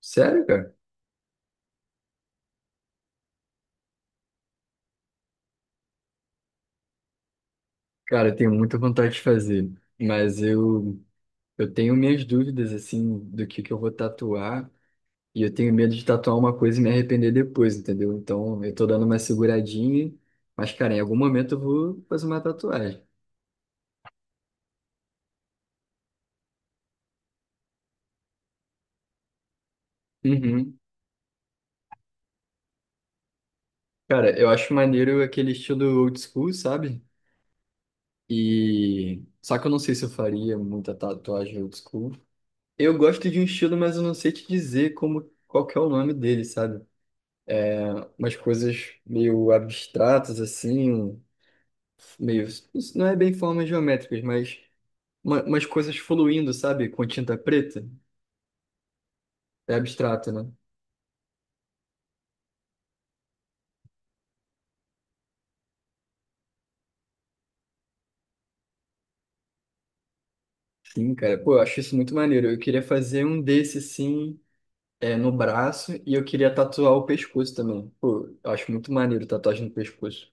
Sério, cara? Cara, eu tenho muita vontade de fazer, mas eu tenho minhas dúvidas, assim, do que eu vou tatuar, e eu tenho medo de tatuar uma coisa e me arrepender depois, entendeu? Então, eu tô dando uma seguradinha, mas, cara, em algum momento eu vou fazer uma tatuagem. Uhum. Cara, eu acho maneiro aquele estilo old school, sabe? Só que eu não sei se eu faria muita tatuagem old school. Eu gosto de um estilo, mas eu não sei te dizer como, qual que é o nome dele, sabe? Umas coisas meio abstratas, assim, meio. Não é bem formas geométricas, mas umas coisas fluindo, sabe? Com tinta preta. É abstrato, né? Sim, cara. Pô, eu acho isso muito maneiro. Eu queria fazer um desse, assim, é, no braço e eu queria tatuar o pescoço também. Pô, eu acho muito maneiro tatuagem no pescoço.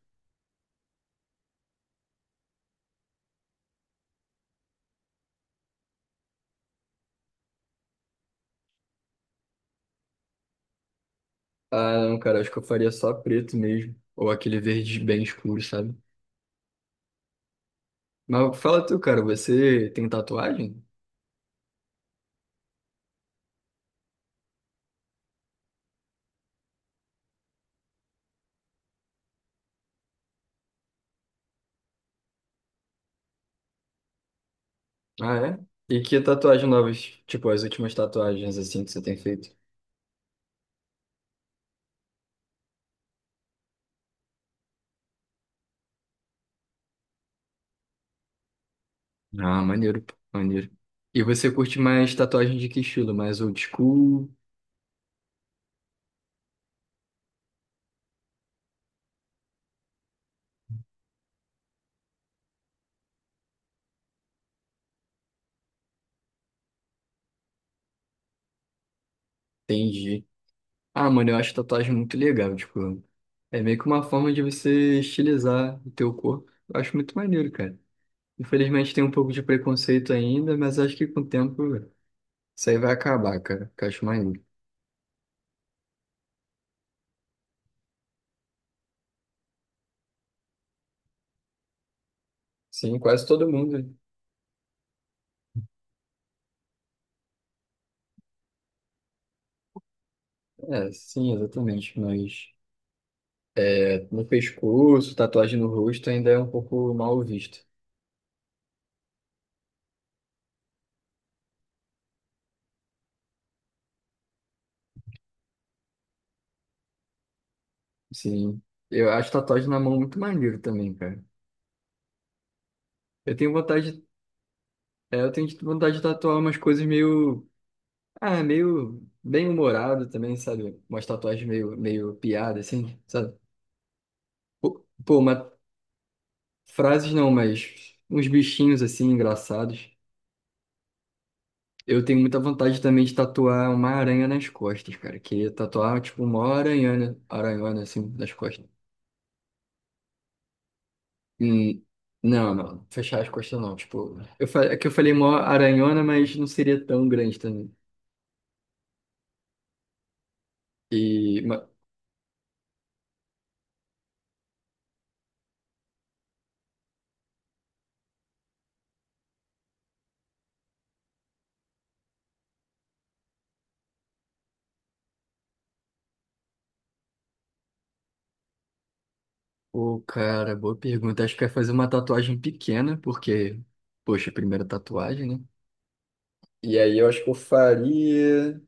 Ah, não, cara, acho que eu faria só preto mesmo. Ou aquele verde bem escuro, sabe? Mas fala tu, cara, você tem tatuagem? Ah, é? E que tatuagem novas? Tipo, as últimas tatuagens assim que você tem feito? Ah, maneiro, pô, maneiro. E você curte mais tatuagem de que estilo? Mais old school? Entendi. Ah, mano, eu acho tatuagem muito legal, tipo, é meio que uma forma de você estilizar o teu corpo. Eu acho muito maneiro, cara. Infelizmente tem um pouco de preconceito ainda, mas acho que com o tempo isso aí vai acabar, cara, que eu acho maneiro. Sim, quase todo mundo. É, sim, exatamente, mas... No pescoço, tatuagem no rosto ainda é um pouco mal visto. Sim. Eu acho tatuagem na mão muito maneiro também, cara. Eu tenho vontade, de- É, eu tenho vontade de tatuar umas coisas meio, ah, meio bem humorado também, sabe? Umas tatuagens meio, meio piada, assim, sabe? Pô, frases não, mas uns bichinhos assim engraçados. Eu tenho muita vontade também de tatuar uma aranha nas costas, cara. Queria tatuar, tipo, uma aranhona, aranhona assim, nas costas. Hum. Não, fechar as costas não. Tipo, é que eu falei mó aranhona, mas não seria tão grande também. E, ma- Pô, cara, boa pergunta. Acho que eu ia fazer uma tatuagem pequena, porque, poxa, primeira tatuagem, né? E aí eu acho que eu faria.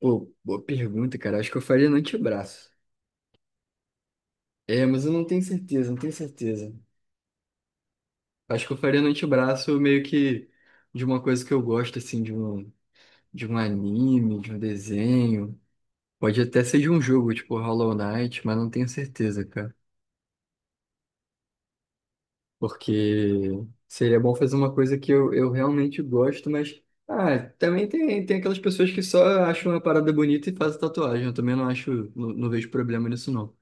Pô, boa pergunta, cara. Acho que eu faria no antebraço. É, mas eu não tenho certeza, não tenho certeza. Acho que eu faria no antebraço meio que de uma coisa que eu gosto, assim, de um anime, de um desenho. Pode até ser de um jogo, tipo Hollow Knight, mas não tenho certeza, cara. Porque seria bom fazer uma coisa que eu realmente gosto, mas. Ah, também tem, tem aquelas pessoas que só acham uma parada bonita e fazem tatuagem. Eu também não acho, não, não vejo problema nisso, não.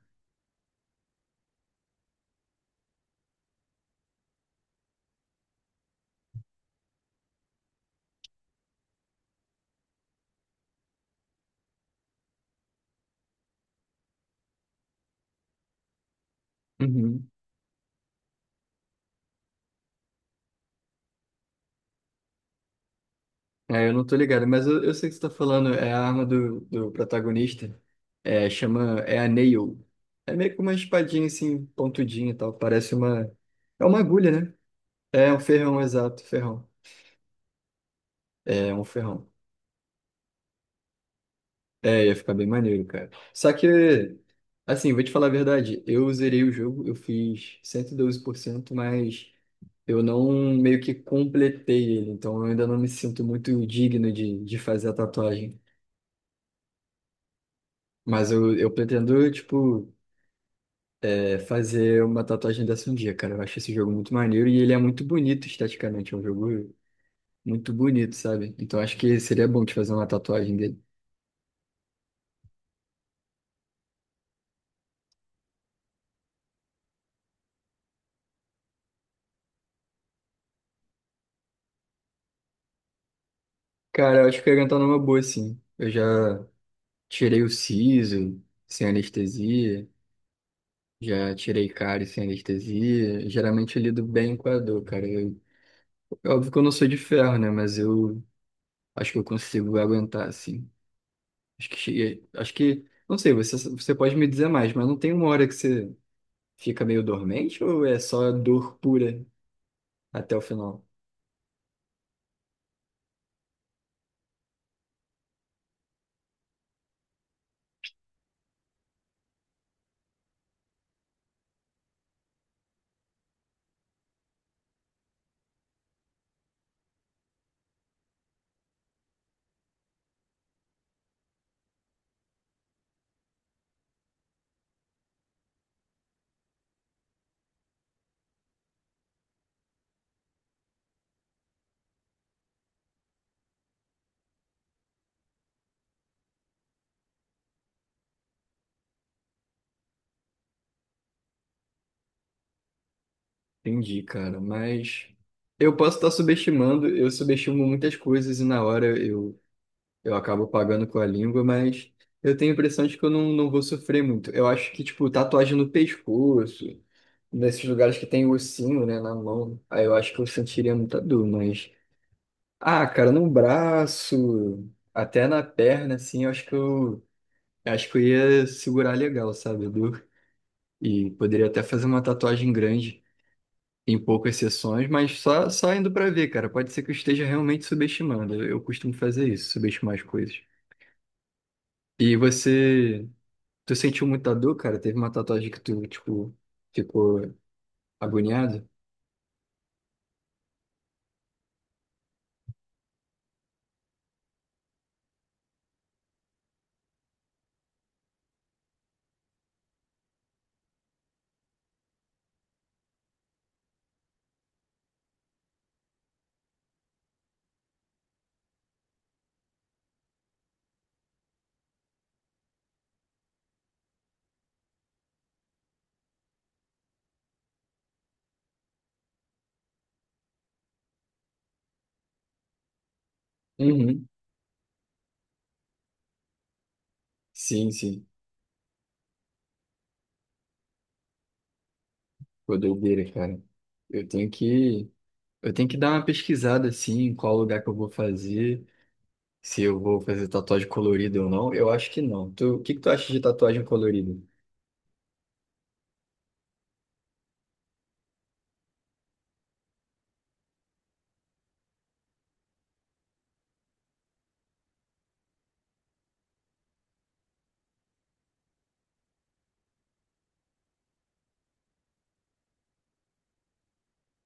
Uhum. É, eu não tô ligado, mas eu sei que você tá falando, é a arma do protagonista. É, chama. É a Nail. É meio que uma espadinha assim, pontudinha e tal. Parece uma. É uma agulha, né? É um ferrão, exato, ferrão. É um ferrão. É, ia ficar bem maneiro, cara. Só que, assim, vou te falar a verdade, eu zerei o jogo, eu fiz 112%, mas eu não meio que completei ele, então eu ainda não me sinto muito digno de fazer a tatuagem. Mas eu pretendo, tipo, é, fazer uma tatuagem dessa um dia, cara. Eu acho esse jogo muito maneiro e ele é muito bonito esteticamente, é um jogo muito bonito, sabe? Então acho que seria bom te fazer uma tatuagem dele. Cara, eu acho que eu ia cantar numa boa, sim. Eu já tirei o siso sem anestesia, já tirei cárie sem anestesia. Geralmente eu lido bem com a dor, cara. Eu, é óbvio que eu não sou de ferro, né? Mas eu acho que eu consigo aguentar, assim. Acho que cheguei, acho que, não sei, você pode me dizer mais, mas não tem uma hora que você fica meio dormente ou é só dor pura até o final? Entendi, cara, mas eu posso estar subestimando, eu subestimo muitas coisas e na hora eu acabo pagando com a língua, mas eu tenho a impressão de que eu não vou sofrer muito. Eu acho que, tipo, tatuagem no pescoço, nesses lugares que tem ossinho, né, na mão, aí eu acho que eu sentiria muita dor, mas. Ah, cara, no braço, até na perna, assim, eu acho que eu. Acho que eu ia segurar legal, sabe, a dor. E poderia até fazer uma tatuagem grande, em poucas sessões, mas só indo pra ver, cara. Pode ser que eu esteja realmente subestimando. Eu costumo fazer isso, subestimar as coisas. E você. Tu sentiu muita dor, cara? Teve uma tatuagem que tu, tipo, ficou agoniado? Uhum. Sim, sim. Pô, doideira, cara. Eu tenho que, eu tenho que dar uma pesquisada, assim, em qual lugar que eu vou fazer, se eu vou fazer tatuagem colorida ou não. Eu acho que não. Tu, o que que tu acha de tatuagem colorida?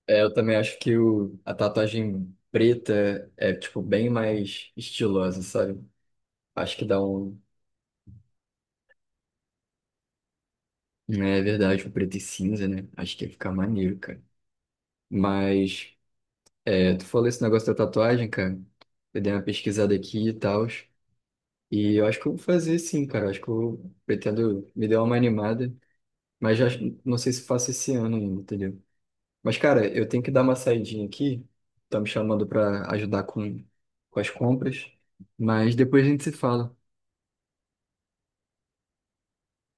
É, eu também acho que a tatuagem preta é, tipo, bem mais estilosa, sabe? Acho que dá um... É verdade, o preto e cinza, né? Acho que ia ficar maneiro, cara. Mas... É, tu falou esse negócio da tatuagem, cara. Eu dei uma pesquisada aqui e tal. E eu acho que eu vou fazer sim, cara. Eu acho que eu pretendo me dar uma animada. Mas já não sei se faço esse ano ainda, entendeu? Mas, cara, eu tenho que dar uma saidinha aqui. Tá me chamando pra ajudar com as compras. Mas depois a gente se fala.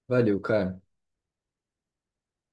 Valeu, cara.